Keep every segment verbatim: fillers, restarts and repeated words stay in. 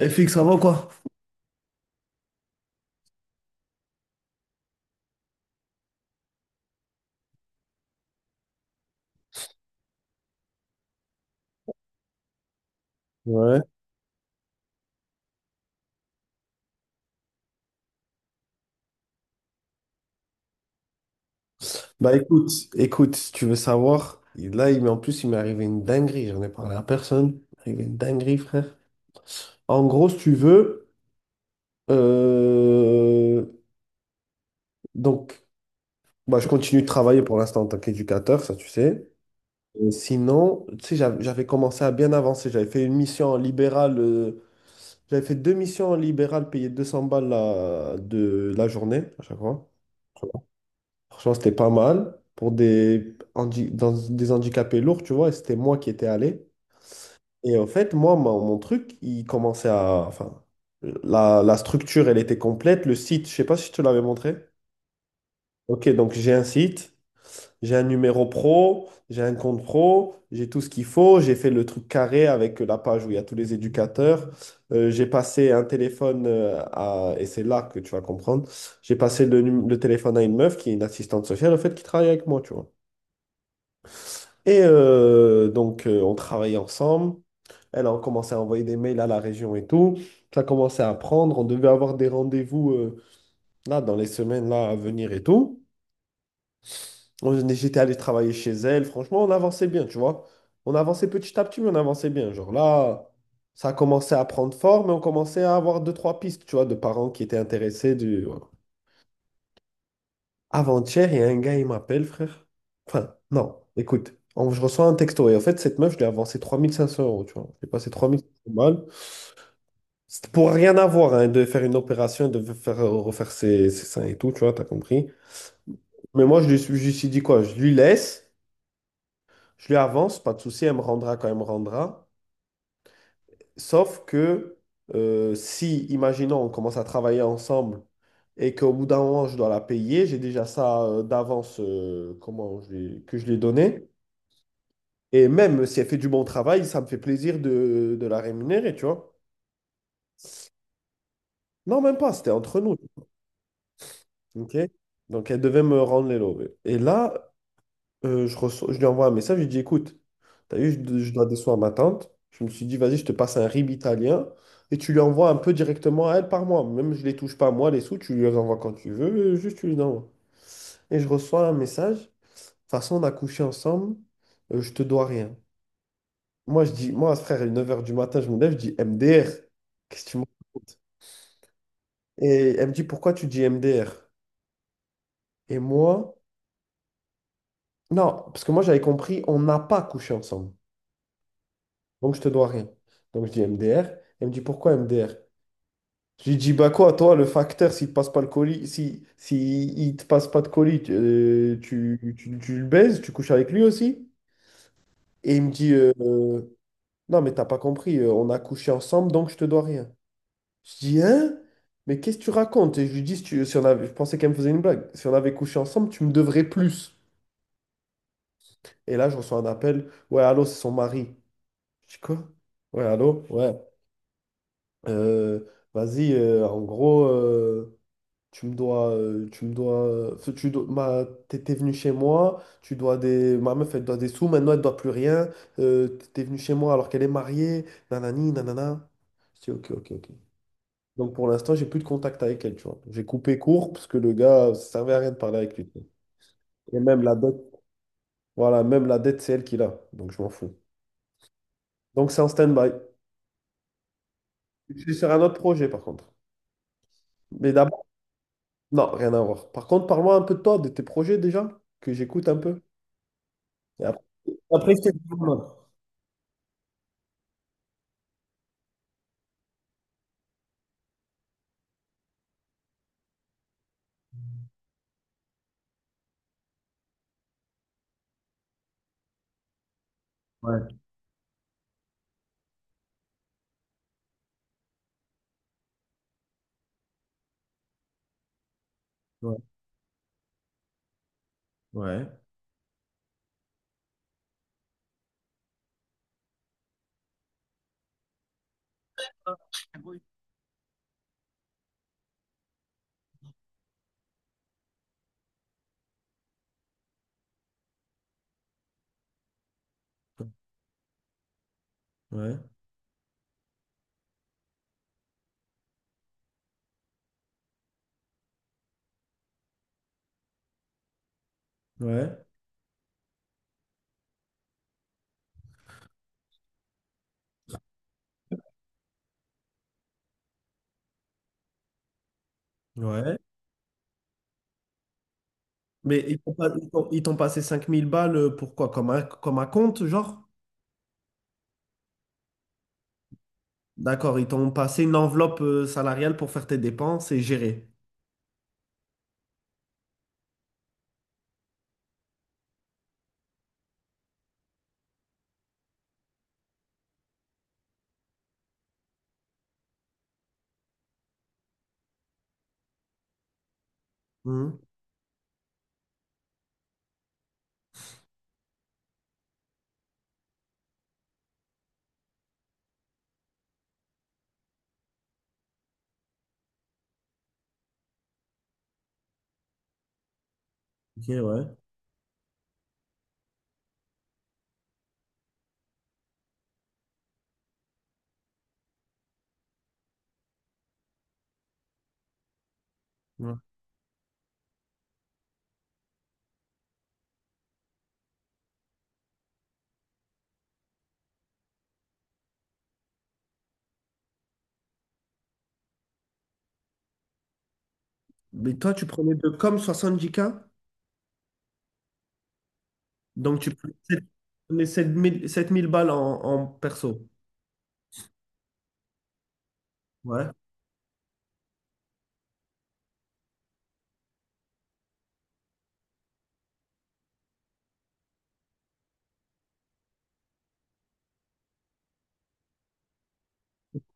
F X, ça avant quoi? Ouais. Bah écoute, écoute, si tu veux savoir, là, il, m'est- en plus, il m'est arrivé une dinguerie, j'en ai parlé à personne. Il m'est arrivé une dinguerie, frère. En gros, si tu veux, euh, donc, bah, je continue de travailler pour l'instant en tant qu'éducateur, ça tu sais. Et sinon, tu sais, j'av- j'avais commencé à bien avancer, j'avais fait une mission en libéral, euh, j'avais fait deux missions en libéral payées deux cents balles la, de la journée à chaque fois. Franchement, c'était pas mal pour des, handi- dans des handicapés lourds, tu vois. Et c'était moi qui étais allé. Et en fait, moi, mon mon truc, il commençait à. Enfin, la, la structure, elle était complète. Le site, je sais pas si je te l'avais montré. Ok, donc j'ai un site, j'ai un numéro pro, j'ai un compte pro, j'ai tout ce qu'il faut. J'ai fait le truc carré avec la page où il y a tous les éducateurs. Euh, j'ai passé un téléphone euh, à. Et c'est là que tu vas comprendre. J'ai passé le, num- le téléphone à une meuf qui est une assistante sociale, en fait, qui travaille avec moi, tu vois. Et euh, donc, euh, on travaillait ensemble. Elle a commencé à envoyer des mails à la région et tout. Ça commençait à prendre. On devait avoir des rendez-vous euh, là dans les semaines là à venir et tout. On- J'étais allé travailler chez elle. Franchement, on avançait bien, tu vois. On avançait petit à petit, mais on avançait bien. Genre là, ça a commencé à prendre forme et on commençait à avoir deux, trois pistes, tu vois, de parents qui étaient intéressés. Du... Avant-hier, il y a un gars, il m'appelle, frère. Enfin, non, écoute, on- je reçois un texto. Et en fait, cette meuf, je lui ai avancé trois mille cinq cents euros, tu vois. J'ai passé trois mille cinq cents balles. C'était pour rien avoir, hein, de faire une opération, de faire, euh, refaire ses, ses seins et tout, tu vois, t'as compris. Mais moi, je lui, suis- je lui suis dit quoi? Je lui laisse, je lui avance, pas de souci, elle me rendra quand elle me rendra. Sauf que euh, si, imaginons, on commence à travailler ensemble et qu'au bout d'un moment, je dois la payer, j'ai déjà ça euh, d'avance, euh, comment je l'ai- que je lui ai donné. Et même si elle fait du bon travail, ça me fait plaisir de, de la rémunérer, tu vois. Non, même pas, c'était entre nous. Ok. Donc, elle devait me rendre les lovés. Et là, euh, je, reçois- je lui envoie un message, je lui dis, écoute, t'as vu, je, je dois décevoir ma tante. Je me suis dit, vas-y, je te passe un R I B italien et tu lui envoies un peu directement à elle par mois. Même je les touche pas, moi, les sous, tu lui les envoies quand tu veux, euh, juste tu lui envoies. Et je reçois un message, de toute façon, on a couché ensemble, euh, je te dois rien. Moi, je dis, moi, frère, à neuf heures du matin, je me lève, je dis M D R. Qu'est-ce que tu me racontes? Et elle me dit, pourquoi tu dis M D R? Et moi, non, parce que moi, j'avais compris, on n'a pas couché ensemble. Donc, je te dois rien. Donc, je dis M D R. Elle me dit, pourquoi M D R? Je lui dis, bah quoi, toi, le facteur, s'il te passe pas le colis, si, si il te passe pas de colis, tu, euh, tu, tu- tu le baises, tu couches avec lui aussi? Et il me dit, euh, euh, non, mais t'as pas compris, euh, on a couché ensemble, donc je te dois rien. Je dis, hein? Mais qu'est-ce que tu racontes? Et je lui dis, si tu- si on avait, je pensais qu'elle me faisait une blague. Si on avait couché ensemble, tu me devrais plus. Et là, je reçois un appel. Ouais, allô, c'est son mari. Je dis quoi? Ouais, allô? Ouais. Euh, vas-y, euh, en gros, euh, tu me dois. euh, tu me dois. euh, tu dois ma, t'es t'es venu chez moi, tu dois des. Ma meuf, elle doit des sous, maintenant, elle doit plus rien. Euh, t'es venu chez moi alors qu'elle est mariée. Nanani, nanana. Je dis, ok, ok, ok. Donc pour l'instant, j'ai plus de contact avec elle, tu vois. J'ai coupé court parce que le gars, ça servait à rien de parler avec lui. Tu vois. Et même la dette, voilà, même la dette, c'est elle qui l'a. Donc je m'en fous. Donc c'est en stand-by. Je suis sur un autre projet par contre. Mais d'abord, non, rien à voir. Par contre, parle-moi un peu de toi, de tes projets déjà, que j'écoute un peu. Et après, après, je te dis mon nom. Ouais, ouais, ouais, ouais, ouais, ouais. Mais ils t'ont pas- ils t'ont ils t'ont passé cinq mille balles pour quoi? Comme un, comme un compte, genre? D'accord, ils t'ont passé une enveloppe euh, salariale pour faire tes dépenses et gérer. Mhm. Ok, ouais. Ouais. Mais toi, tu prenais de comme soixante dix k donc tu prenais sept- prenais sept mille sept mille balles en, en perso. Ouais.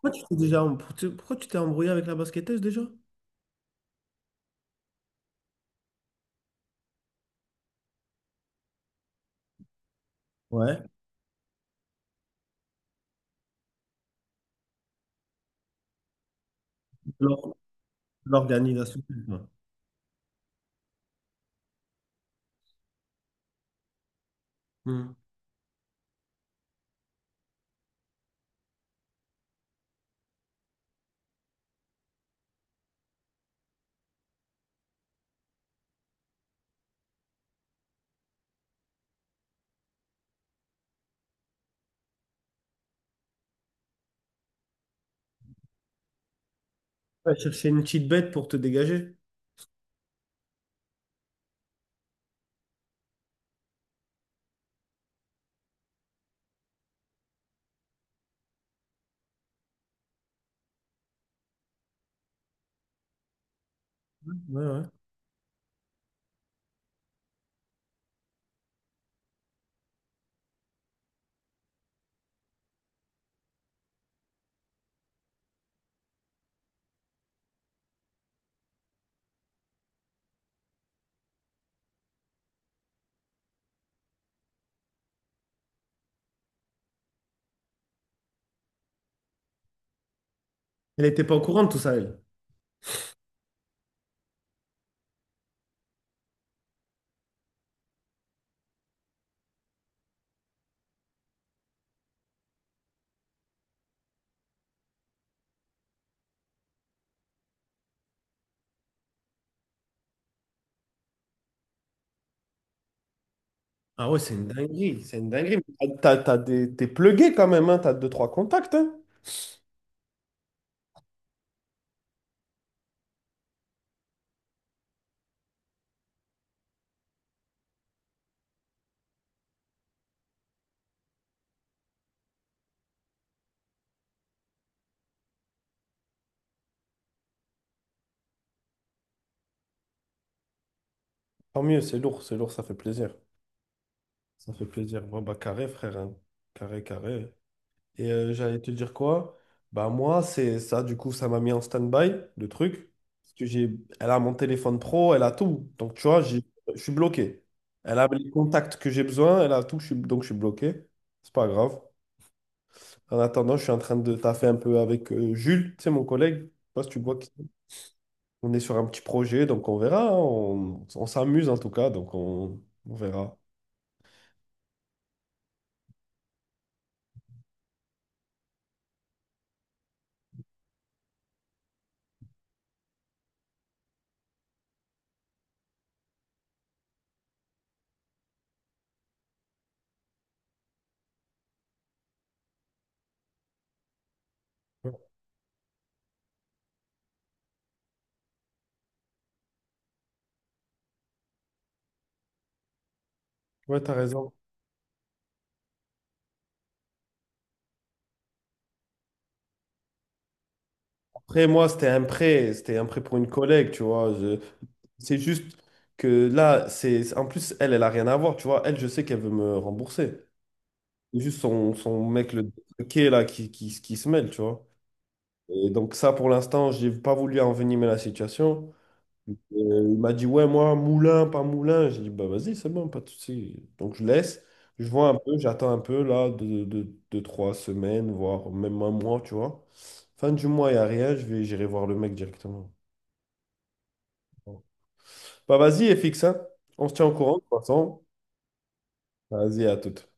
Pourquoi tu t'es déjà, em- tu- pourquoi tu t'es embrouillé avec la basketteuse déjà? Ouais. L'or- L'organisation. Ouais. Mhm. Ouais, chercher une petite bête pour te dégager. Ouais, ouais. Elle n'était pas au courant de tout ça, elle. Ah ouais, c'est une dinguerie, c'est une dinguerie. Mais T'as, t'as t'as des, t'es plugué quand même, hein, t'as deux, trois contacts, hein. Tant mieux, c'est lourd, c'est lourd, ça fait plaisir. Ça fait plaisir. Bon, bah, carré, frère. Hein. Carré, carré. Et euh, j'allais te dire quoi? Bah, moi, c'est ça, du coup, ça m'a mis en stand-by, le truc. Parce que j'ai... Elle a mon téléphone pro, elle a tout. Donc, tu vois, j'ai- je suis bloqué. Elle a les contacts que j'ai besoin, elle a tout, je suis... donc je suis bloqué. C'est pas grave. En attendant, je suis en train de taffer un peu avec euh, Jules, tu sais, mon collègue. Je sais pas si tu vois qui- on est sur un petit projet, donc on verra. Hein. On, on s'amuse en tout cas, donc on on verra. Ouais, t'as raison. Après, moi, c'était un prêt, c'était un prêt pour une collègue, tu vois. je- C'est juste que là, c'est c'est- en plus, elle, elle a rien à voir, tu vois. Elle, je sais qu'elle veut me rembourser. C'est juste son, son mec, le qui est là, qui, qui, qui se mêle, tu vois. Et donc, ça, pour l'instant, j'ai pas voulu envenimer la situation. Euh, il m'a dit, ouais, moi, moulin, pas moulin. J'ai dit, bah vas-y, c'est bon, pas de souci. Donc je laisse, je vois un peu, j'attends un peu, là, deux, deux, deux, trois semaines, voire même un mois, tu vois. Fin du mois, il n'y a rien, je vais, j'irai voir le mec directement. Bon. Bah vas-y, F X, hein. On se tient au courant, de toute façon. Vas-y, à toute.